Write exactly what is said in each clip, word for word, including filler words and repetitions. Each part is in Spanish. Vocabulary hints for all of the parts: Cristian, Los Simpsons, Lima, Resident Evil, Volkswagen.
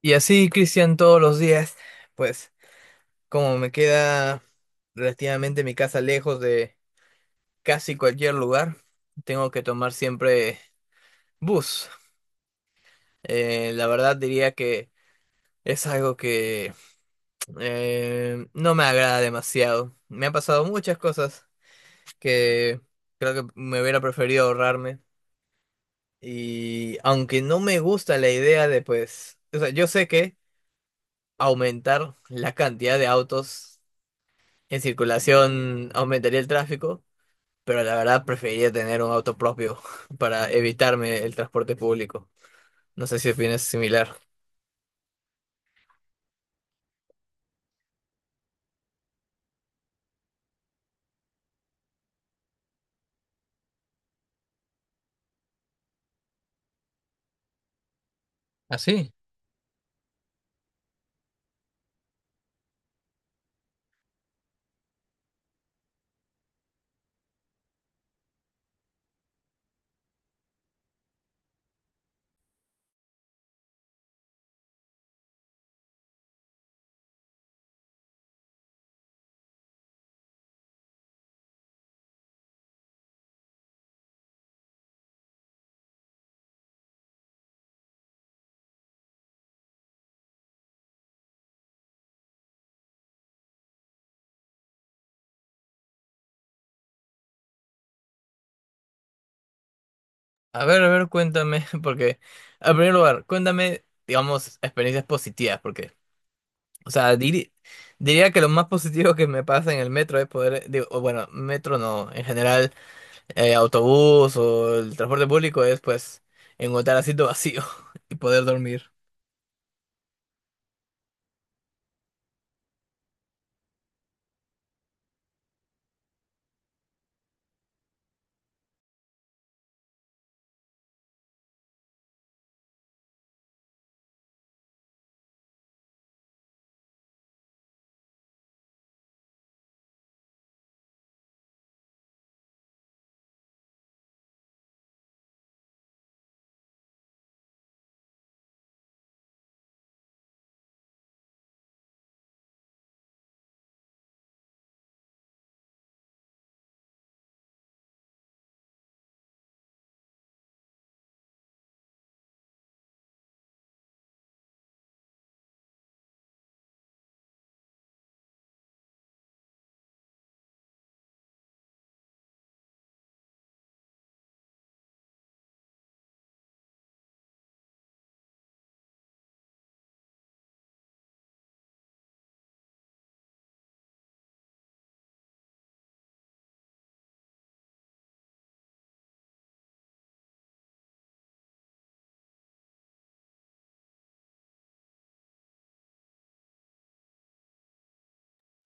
Y así, Cristian, todos los días, pues como me queda relativamente mi casa lejos de casi cualquier lugar, tengo que tomar siempre bus. Eh, la verdad diría que es algo que eh, no me agrada demasiado. Me han pasado muchas cosas que creo que me hubiera preferido ahorrarme. Y aunque no me gusta la idea de, pues, o sea, yo sé que aumentar la cantidad de autos en circulación aumentaría el tráfico, pero la verdad preferiría tener un auto propio para evitarme el transporte público. No sé si opinas similar. Así. A ver, a ver, cuéntame, porque, en primer lugar, cuéntame, digamos, experiencias positivas, porque, o sea, diri- diría que lo más positivo que me pasa en el metro es poder, eh, digo, o bueno, metro no, en general, eh, autobús o el transporte público es, pues, encontrar asiento vacío y poder dormir.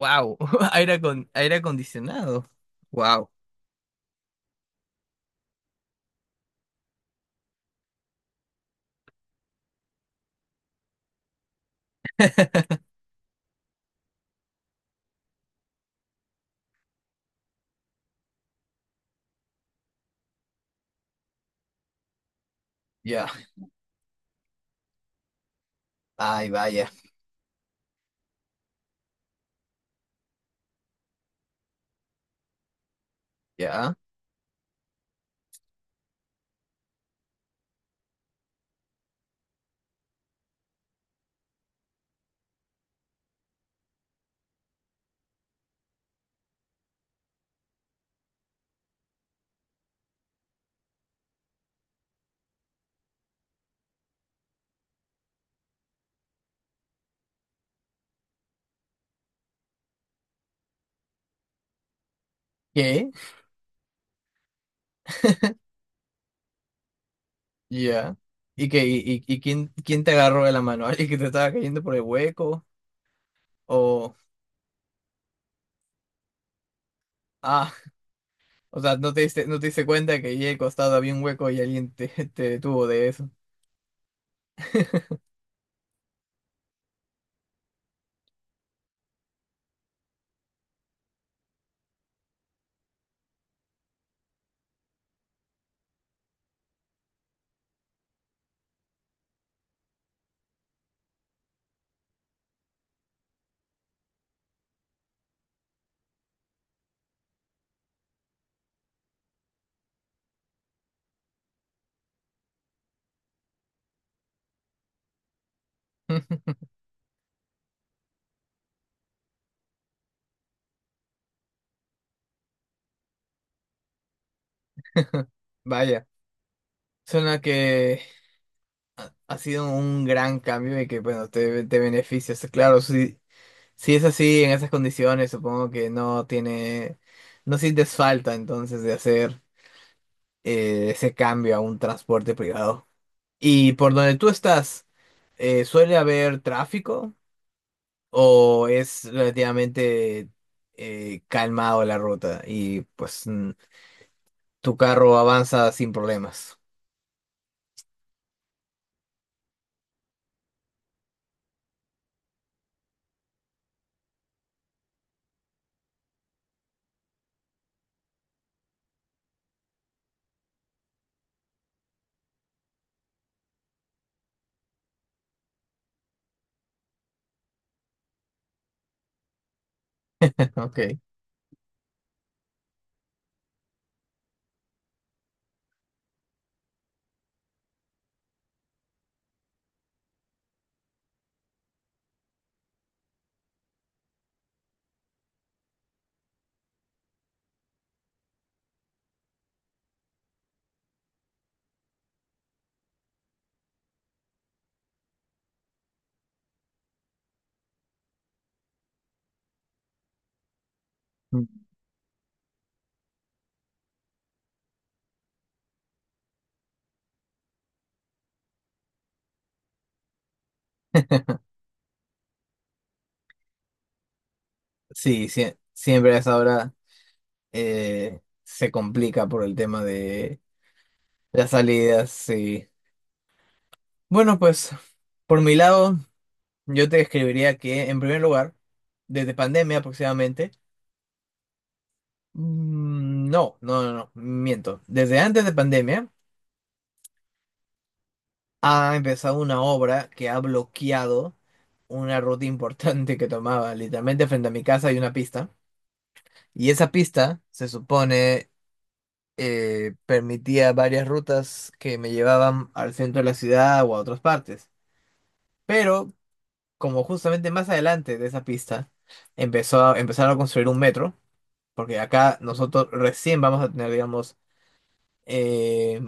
Wow, aire, acon- aire acondicionado. Wow. Ya. Ay, vaya. Ya. ¿Qué? Ya. ¿Y qué? ¿Y, y- y quién, quién te agarró de la mano? ¿Alguien que te estaba cayendo por el hueco? O. Ah, o sea, no te diste, no te diste cuenta que allí al costado había un hueco y alguien te, te detuvo de eso. Vaya, suena que ha sido un gran cambio y que, bueno, te, te beneficias. Claro, sí. Si es así, en esas condiciones, supongo que no tiene, no sientes falta entonces de hacer eh, ese cambio a un transporte privado. ¿Y por donde tú estás, eh, suele haber tráfico o es relativamente eh, calmado la ruta y pues mm, tu carro avanza sin problemas? Ok. Mm. Sí, sie- siempre a esa hora eh, se complica por el tema de las salidas, sí. Bueno, pues por mi lado, yo te escribiría que en primer lugar, desde pandemia aproximadamente, mm, no, no, no, no, miento. Desde antes de pandemia ha empezado una obra que ha bloqueado una ruta importante que tomaba. Literalmente frente a mi casa hay una pista y esa pista se supone eh, permitía varias rutas que me llevaban al centro de la ciudad o a otras partes. Pero como justamente más adelante de esa pista empezó a- empezaron a construir un metro, porque acá nosotros recién vamos a tener, digamos, eh,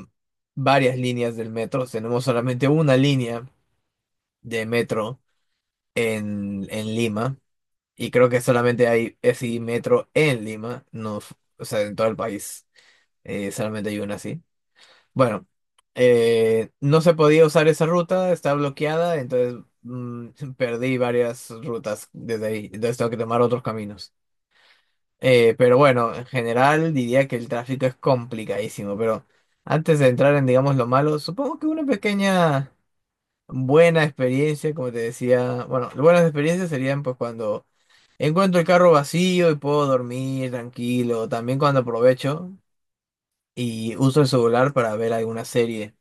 varias líneas del metro. Tenemos solamente una línea de metro en, en Lima, y creo que solamente hay ese metro en Lima, no, f- o sea, en todo el país, eh, solamente hay una así. Bueno, eh, no se podía usar esa ruta, está bloqueada, entonces mm, perdí varias rutas desde ahí, entonces tengo que tomar otros caminos. Eh, pero bueno, en general diría que el tráfico es complicadísimo, pero antes de entrar en, digamos, lo malo, supongo que una pequeña buena experiencia, como te decía, bueno, buenas experiencias serían pues cuando encuentro el carro vacío y puedo dormir tranquilo, también cuando aprovecho y uso el celular para ver alguna serie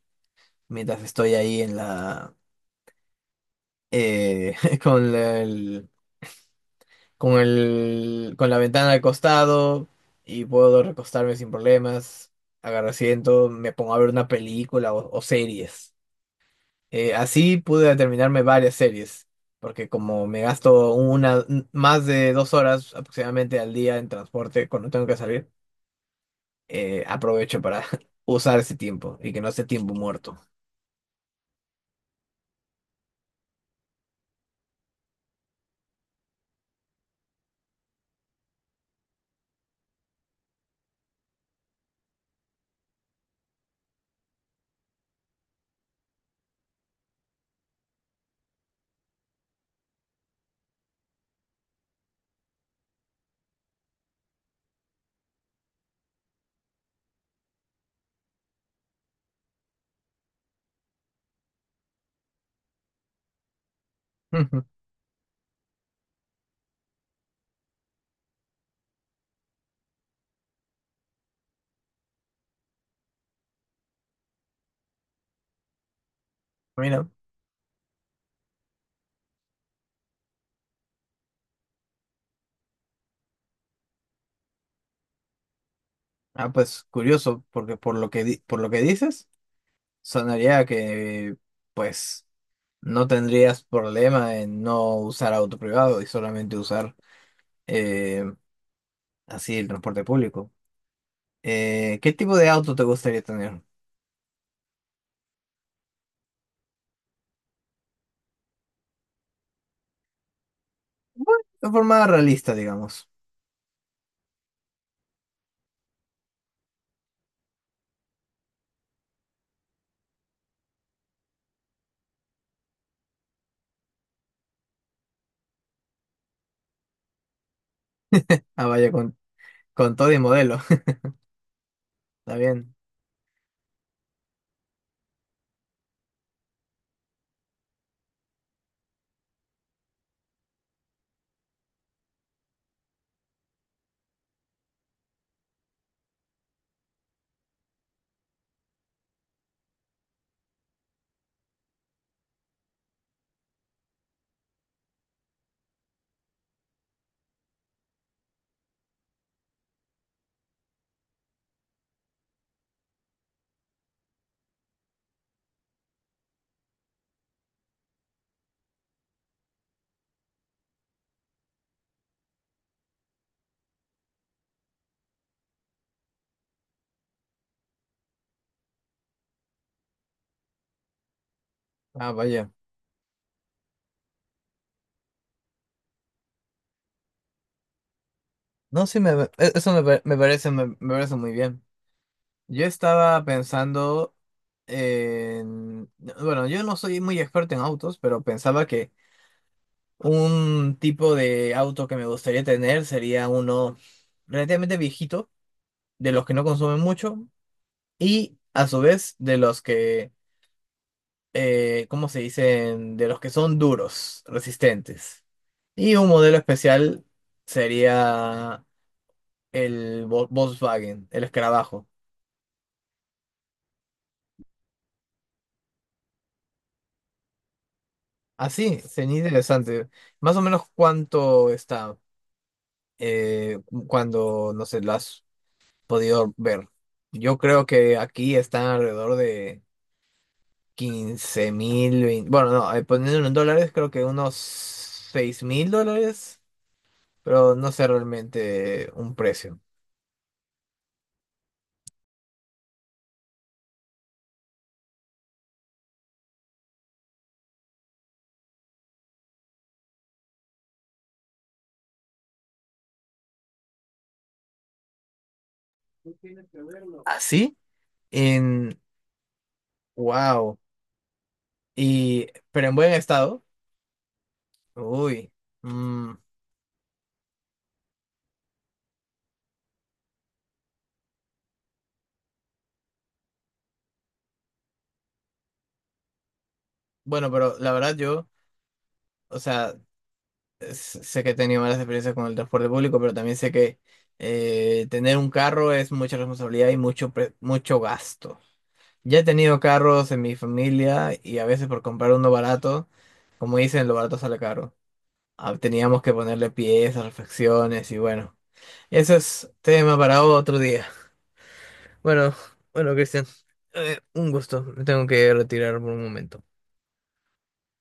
mientras estoy ahí en la eh, con la- el, con el con la ventana al costado y puedo recostarme sin problemas, agarro asiento, me pongo a ver una película o, o series. Eh, así pude terminarme varias series, porque como me gasto una más de dos horas aproximadamente al día en transporte cuando tengo que salir, eh, aprovecho para usar ese tiempo y que no sea tiempo muerto. Mira. Ah, pues curioso, porque por lo que, di- por lo que dices, sonaría que pues no tendrías problema en no usar auto privado y solamente usar eh, así el transporte público. Eh, ¿qué tipo de auto te gustaría tener? Bueno, de forma realista, digamos. Ah, vaya, con, con todo y modelo. Está bien. Ah, vaya. No, sí, me, e- eso me, pa- me parece, me, me parece muy bien. Yo estaba pensando en. Bueno, yo no soy muy experto en autos, pero pensaba que un tipo de auto que me gustaría tener sería uno relativamente viejito, de los que no consumen mucho y a su vez de los que, eh, ¿cómo se dicen? De los que son duros, resistentes. Y un modelo especial sería el Vol- Volkswagen, el escarabajo. Así, sería interesante. ¿Más o menos cuánto está eh, cuando, no sé, lo has podido ver? Yo creo que aquí están alrededor de quince mil, veinte. Bueno, no, eh, poniéndolo en dólares, creo que unos seis mil dólares, pero no sé realmente un precio. Así, en, wow. Y, pero en buen estado. Uy. mm, bueno, pero la verdad yo, o sea. S- sé que he tenido malas experiencias con el transporte público, pero también sé que eh, tener un carro es mucha responsabilidad y mucho, pre- mucho gasto. Ya he tenido carros en mi familia y a veces por comprar uno barato, como dicen, lo barato sale caro. Ah, teníamos que ponerle piezas, refacciones y bueno, eso es tema para otro día. Bueno, bueno, Cristian, eh, un gusto. Me tengo que retirar por un momento.